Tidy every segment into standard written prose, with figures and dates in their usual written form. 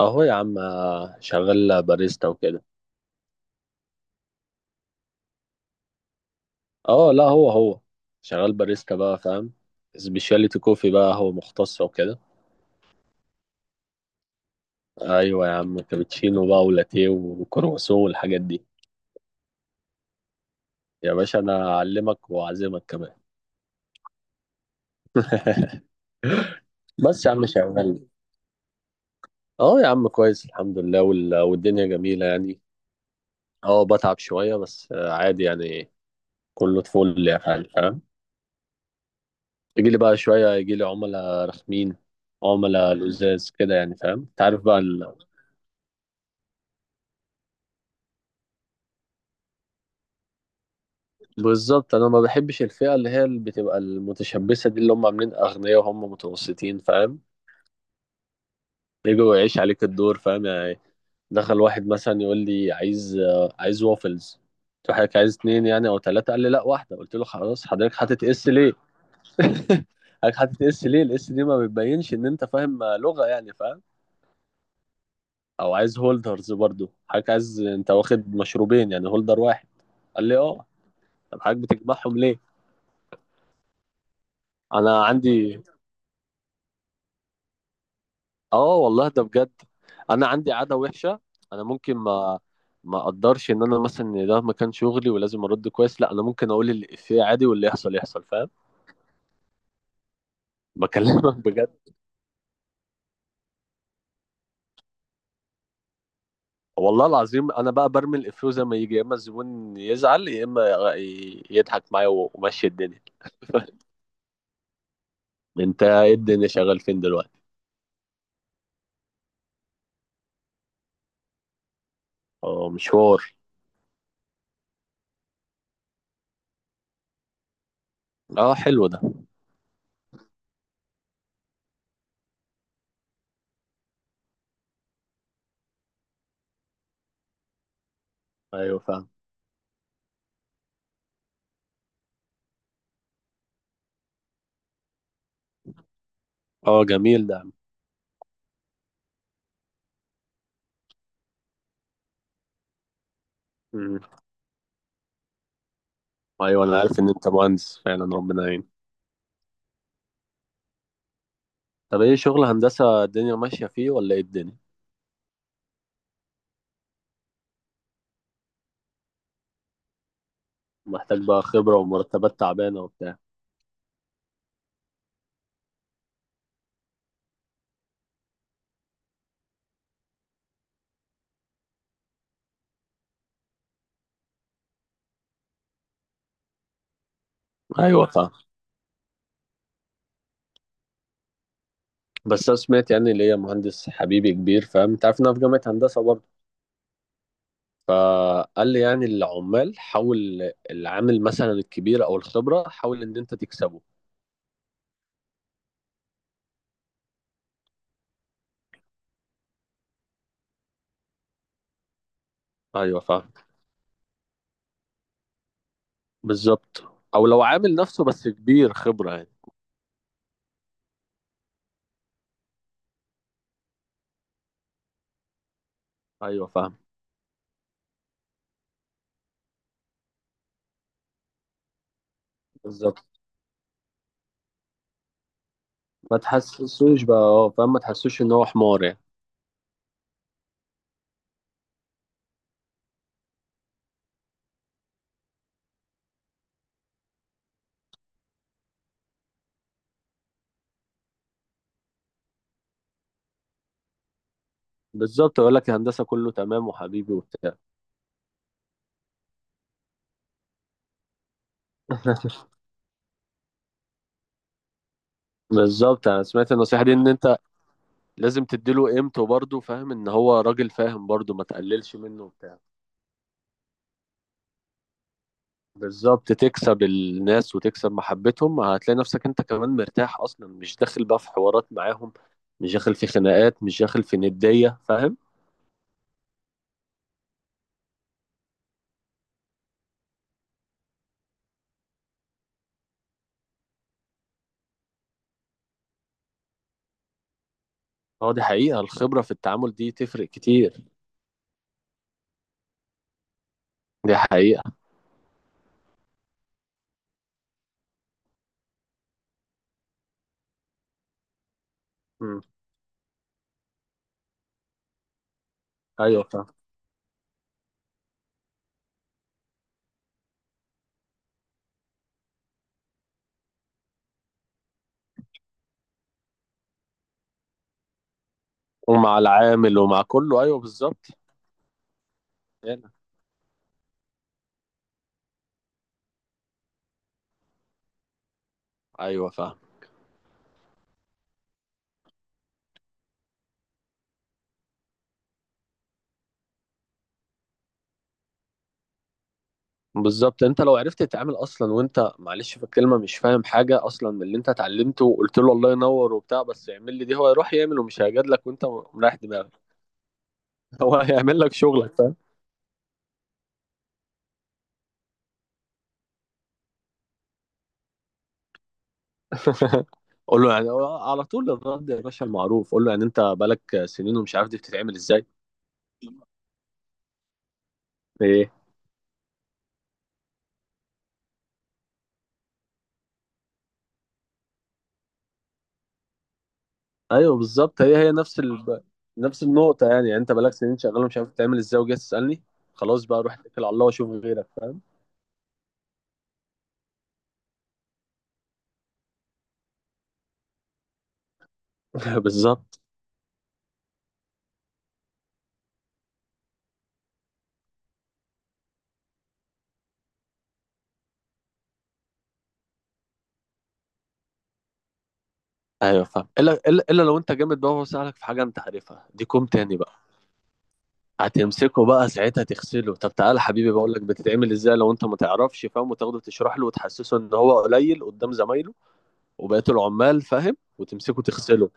اهو يا عم، شغال باريستا وكده. اه لا، هو هو شغال باريستا بقى، فاهم؟ سبيشاليتي كوفي بقى، هو مختص وكده. ايوه يا عم، كابتشينو بقى ولاتيه وكرواسون والحاجات دي. يا باشا، انا اعلمك واعزمك كمان. بس يا عم شغال. اه يا عم، كويس الحمد لله، والدنيا جميله يعني. اه، بتعب شويه بس، عادي يعني. كله طفول يعني، فاهم؟ يجي لي بقى شويه، يجي لي عملاء رخمين، عملاء لزاز كده يعني، فاهم؟ انت عارف بقى. بالظبط، انا ما بحبش الفئه اللي هي اللي بتبقى المتشبثه دي، اللي هم عاملين اغنياء وهم متوسطين، فاهم؟ يجوا يعيش عليك الدور، فاهم يعني. دخل واحد مثلا يقول لي عايز عايز وافلز. قلت له حضرتك عايز اتنين يعني او تلاته؟ قال لي لا، واحده. قلت له خلاص، حضرتك حاطط اس ليه؟ حضرتك حاطط اس ليه؟ الاس دي ما بتبينش ان انت فاهم لغه يعني، فاهم؟ او عايز هولدرز برضو، حضرتك عايز، انت واخد مشروبين يعني هولدر واحد. قال لي اه. طب حضرتك بتجمعهم ليه؟ انا عندي. اه والله ده بجد، انا عندي عاده وحشه. انا ممكن ما اقدرش ان انا مثلا إن ده مكان شغلي ولازم ارد كويس، لا انا ممكن اقول الافيه عادي واللي يحصل يحصل، فاهم؟ بكلمك بجد. والله العظيم، انا بقى برمي الافيه زي ما يجي، يا اما الزبون يزعل يا اما يضحك معايا ومشي الدنيا. انت ايه الدنيا، شغال فين دلوقتي؟ اه مشوار. اه حلو ده. ايوه فاهم. اه جميل ده. مم. ايوه انا عارف ان انت مهندس فعلا، ربنا يعين. طب ايه شغل هندسه، الدنيا ماشيه فيه ولا ايه الدنيا؟ محتاج بقى خبرة ومرتبات تعبانة وبتاع. ايوه فاهم. بس انا سمعت يعني اللي هي مهندس حبيبي كبير، فاهم؟ انت عارف ان انا في جامعة هندسة برضه. فقال لي يعني العمال حاول، العامل مثلا الكبير او الخبرة حاول ان انت تكسبه. ايوه فاهم، بالظبط. او لو عامل نفسه بس كبير خبرة يعني. ايوه فاهم، بالظبط. ما تحسسوش بقى، اه فاهم، ما تحسسوش ان هو حمار يعني. بالظبط، يقول لك الهندسة كله تمام وحبيبي وبتاع. بالظبط، انا سمعت النصيحة دي ان انت لازم تديله قيمته برضه، فاهم؟ ان هو راجل، فاهم برضه، ما تقللش منه وبتاع. بالظبط، تكسب الناس وتكسب محبتهم، هتلاقي نفسك انت كمان مرتاح، اصلا مش داخل بقى في حوارات معاهم، مش داخل في خناقات، مش داخل في ندية، فاهم؟ اه دي حقيقة، الخبرة في التعامل دي تفرق كتير. دي حقيقة. مم. ايوه فاهم. ومع العامل ومع كله، ايوه بالظبط. يعني. ايوه فاهم، بالظبط. انت لو عرفت تتعامل اصلا، وانت معلش في الكلمه مش فاهم حاجه اصلا من اللي انت اتعلمته، وقلت له الله ينور وبتاع بس اعمل لي دي، هو يروح يعمل ومش هيجادلك لك وانت مريح دماغك. هو هيعمل لك شغلك، فاهم؟ قول له، يعني هو على طول الرد يا باشا المعروف، قول له يعني انت بالك سنين ومش عارف دي بتتعمل ازاي؟ ايه. ايوه بالظبط، هي هي نفس نفس النقطه يعني. يعني انت بالك سنين شغال ومش عارف بتتعمل ازاي وجاي تسالني؟ خلاص بقى، روح اتكل على الله واشوف غيرك، فاهم؟ بالظبط. ايوه فاهم، الا الا إلا لو انت جامد بقى وهو سألك في حاجه انت عارفها، دي كوم تاني بقى. هتمسكه بقى ساعتها تغسله، طب تعالى يا حبيبي بقول لك بتتعمل ازاي لو انت ما تعرفش، فاهم؟ وتاخده تشرح له وتحسسه ان هو قليل قدام زمايله وبقيه العمال، فاهم؟ وتمسكه تغسله.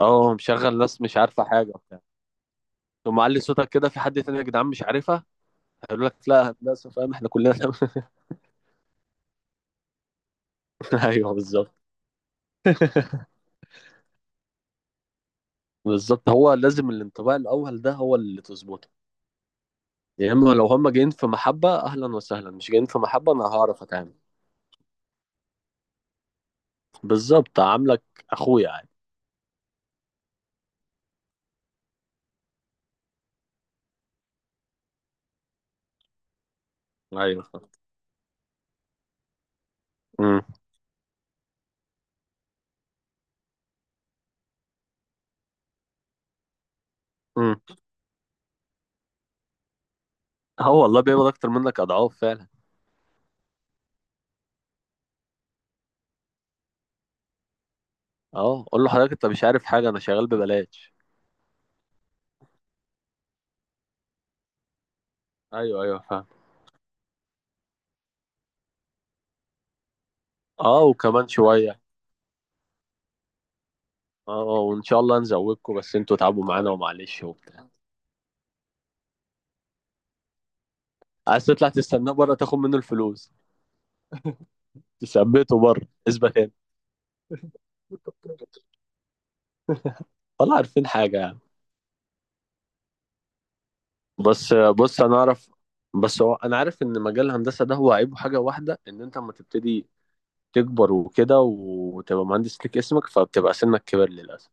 اه مشغل ناس مش عارفه حاجه وبتاع. تقوم معلي صوتك كده في حد تاني، يا جدعان مش عارفها؟ هيقول لك لا هندسه، فاهم، احنا كلنا فاهم. ايوه بالظبط. بالظبط، هو لازم الانطباع الاول ده هو اللي تظبطه. يا اما لو هما جايين في محبة اهلا وسهلا، مش جايين في محبة انا هعرف اتعامل. بالظبط، عاملك اخويا عادي. ايوه صح. امم. امم. اه والله بيقبض اكتر منك اضعاف فعلا. اه قول له حضرتك انت مش عارف حاجة، انا شغال ببلاش. ايوه ايوه فاهم. اه وكمان شوية. اه وان شاء الله نزودكم بس انتوا تعبوا معانا ومعلش وبتاع. عايز تطلع تستناه بره تاخد منه الفلوس، تثبته بره، اثبت هنا. والله عارفين حاجة يعني. بس بص انا اعرف. بس هو انا عارف ان مجال الهندسه ده هو عيبه حاجه واحده، ان انت لما تبتدي تكبر وكده وتبقى مهندس ليك اسمك فبتبقى سنك كبر، للاسف.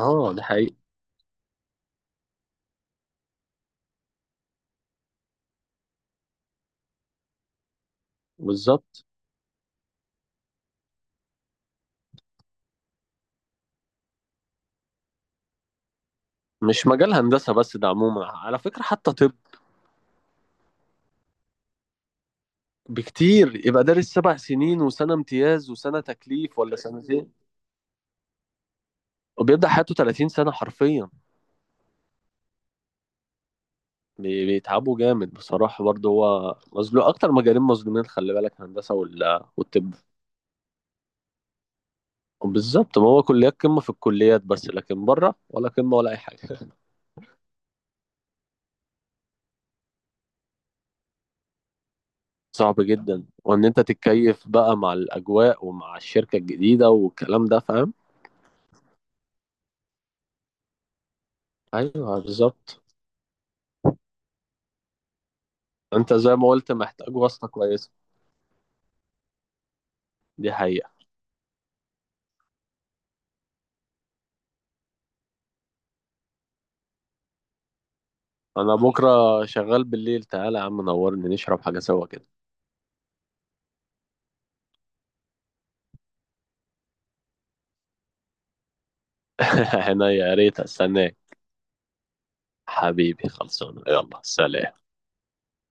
اه ده حقيقي، بالظبط. مش مجال هندسه بس، ده عموما على فكره حتى طب بكتير. يبقى دارس 7 سنين وسنه امتياز وسنه تكليف ولا سنتين، وبيبدا حياته 30 سنه حرفيا. بيتعبوا جامد بصراحه، برضه هو مظلوم اكتر. مجالين مظلومين، خلي بالك، هندسه والطب. بالظبط، ما هو كليات قمة في الكليات، بس لكن بره ولا قمة ولا أي حاجة. صعب جدا، وإن أنت تتكيف بقى مع الأجواء ومع الشركة الجديدة والكلام ده، فاهم؟ أيوه بالظبط. أنت زي ما قلت محتاج واسطة كويسة. دي حقيقة. أنا بكرة شغال بالليل، تعالى يا عم نورني، نشرب حاجة سوا كده. هنا، يا ريت أستناك. حبيبي خلصانة، يلا سلام.